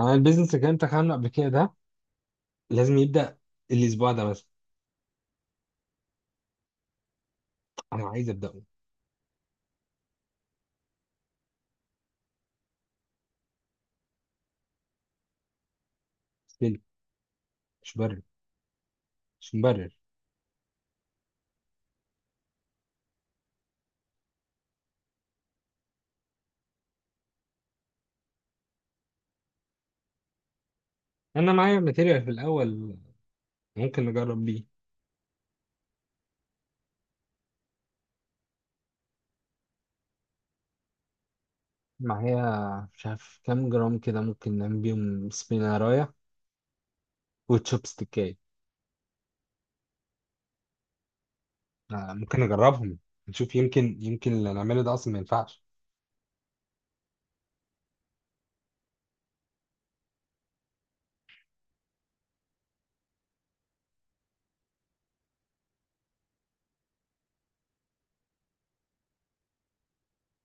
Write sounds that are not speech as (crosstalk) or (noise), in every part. انا البيزنس اللي انت عامله قبل كده ده لازم يبدا الاسبوع ده بس. انا عايز ابداه. ستيل. مش برر مش مبرر. انا معايا ماتيريال في الاول، ممكن نجرب بيه. معايا، مش عارف كام جرام كده، ممكن نعمل بيهم سبينارايا وتشوب ستيكاية. آه، ممكن نجربهم. نشوف، يمكن اللي نعمله ده اصلا ما ينفعش.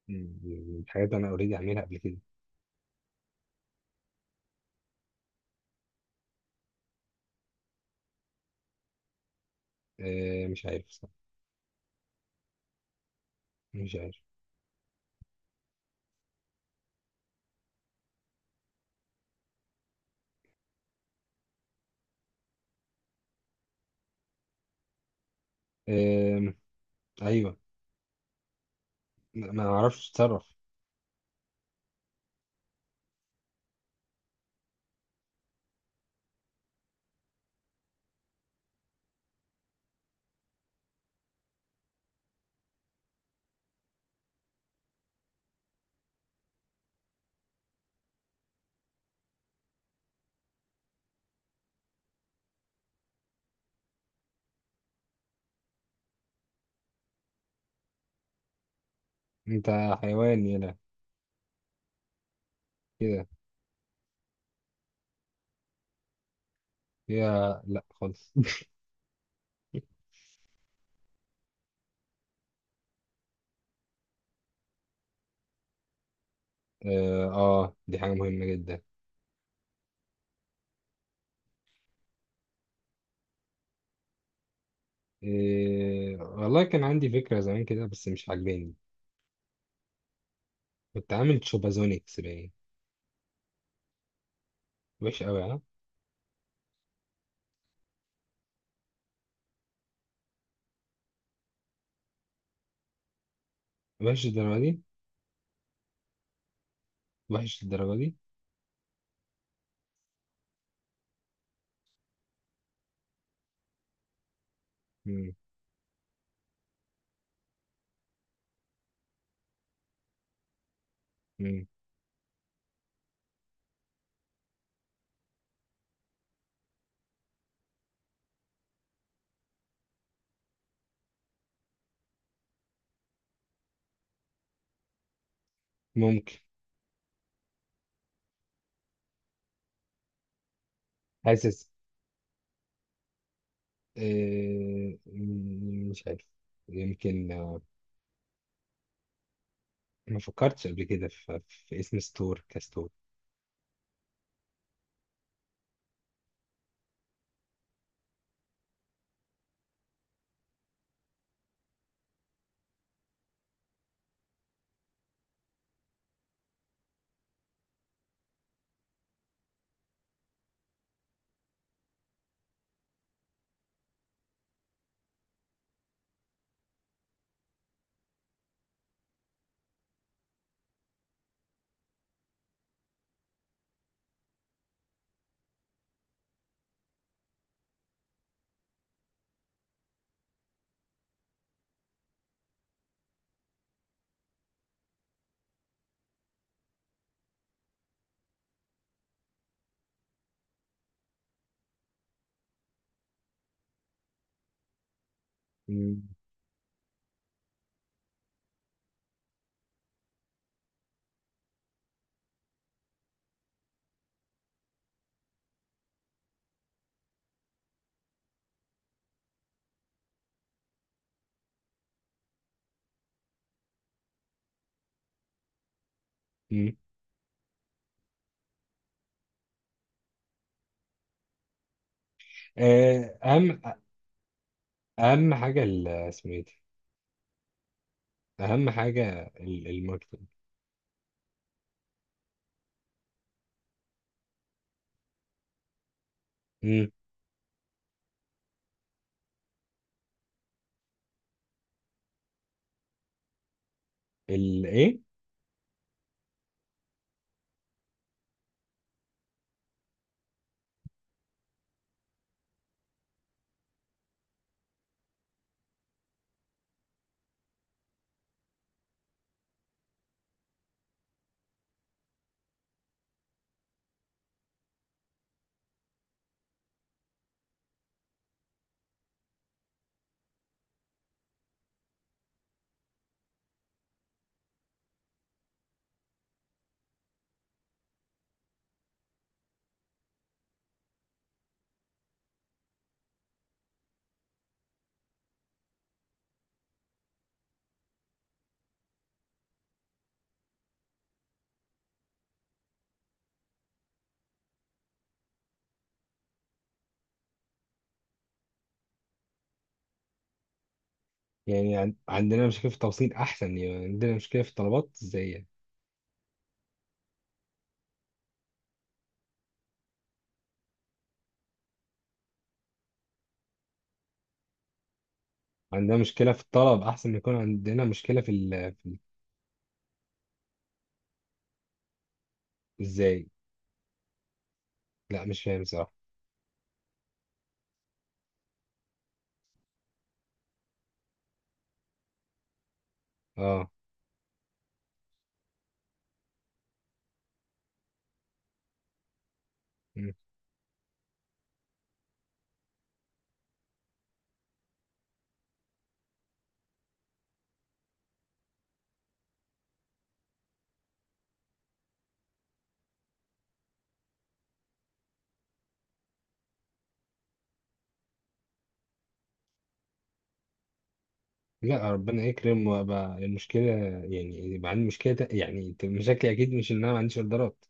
الحاجات اللي انا اوريدي عاملها قبل كده. آه، مش عارف صح. مش عارف. آم، ايوه. ما اعرفش اتصرف. انت حيوان، يلا كده. هي، لا خالص (laughs) اه، آه، دي حاجة مهمة جدا. والله كان عندي فكرة زمان كده بس مش عاجباني. كنت عامل شوبازونيكس باين. وحش قوي، ها؟ وحش الدرجة دي؟ وحش الدرجة دي. مم. مم. ممكن. حاسس، إيه... مم، مش عارف. يمكن، ما فكرتش قبل كده في... في اسم ستور كستور. مم. مم. آه، أهم حاجة، اسمه إيه ده؟ أهم حاجة الماركتينج. الايه؟ يعني عندنا مشكله في التوصيل احسن، يعني عندنا مشكله في الطلبات ازاي يعني. عندنا مشكله في الطلب احسن ما يكون عندنا مشكله في ازاي؟ لا، مش فاهم صراحه. اه. مم. لا، ربنا يكرم وابقى المشكله، يعني يبقى عندي مشكله يعني، مشاكلي اكيد مش ان انا ما عنديش اوردرات.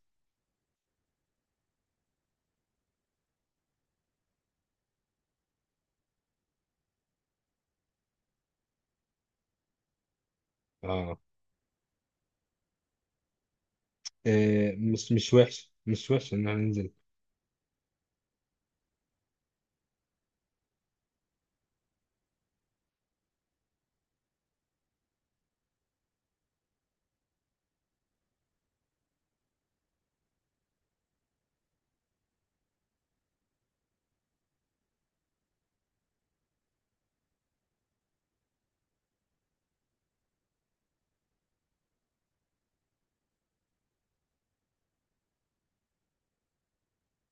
اه، آه، مش وحش، مش وحش ان انا انزل.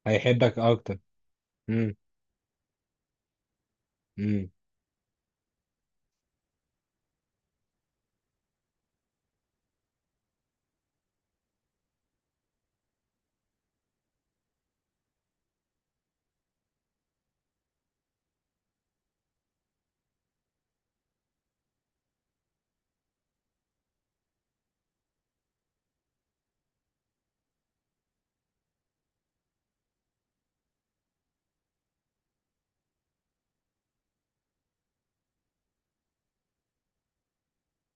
هيحبك اكتر. امم. امم.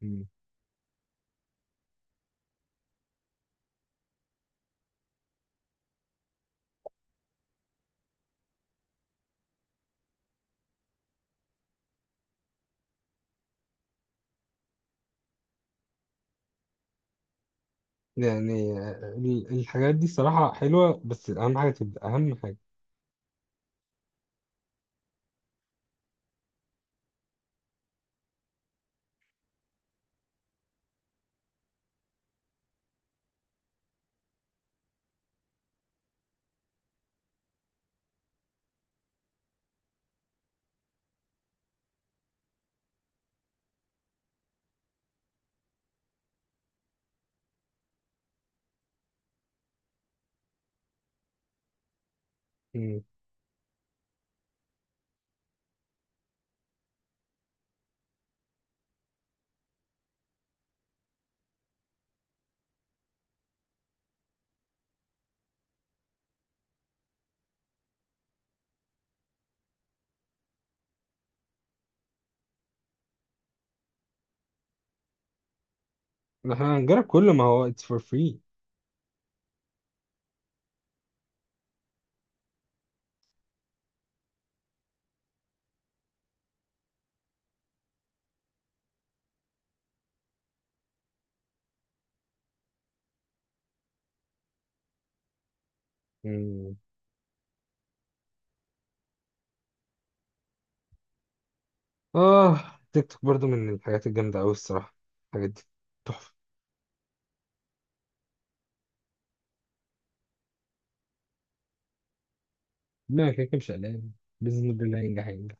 أمم. يعني الحاجات دي صراحه حلوه بس اهم حاجه تبدا، اهم حاجه. مم. احنا هنجرب كله، ما هو it's for free. مم. اه، تيك توك برضو من الحاجات الجامدة أوي الصراحة. الحاجات دي تحفة. لا، كده كده مش قلقان. باذن الله هينجح.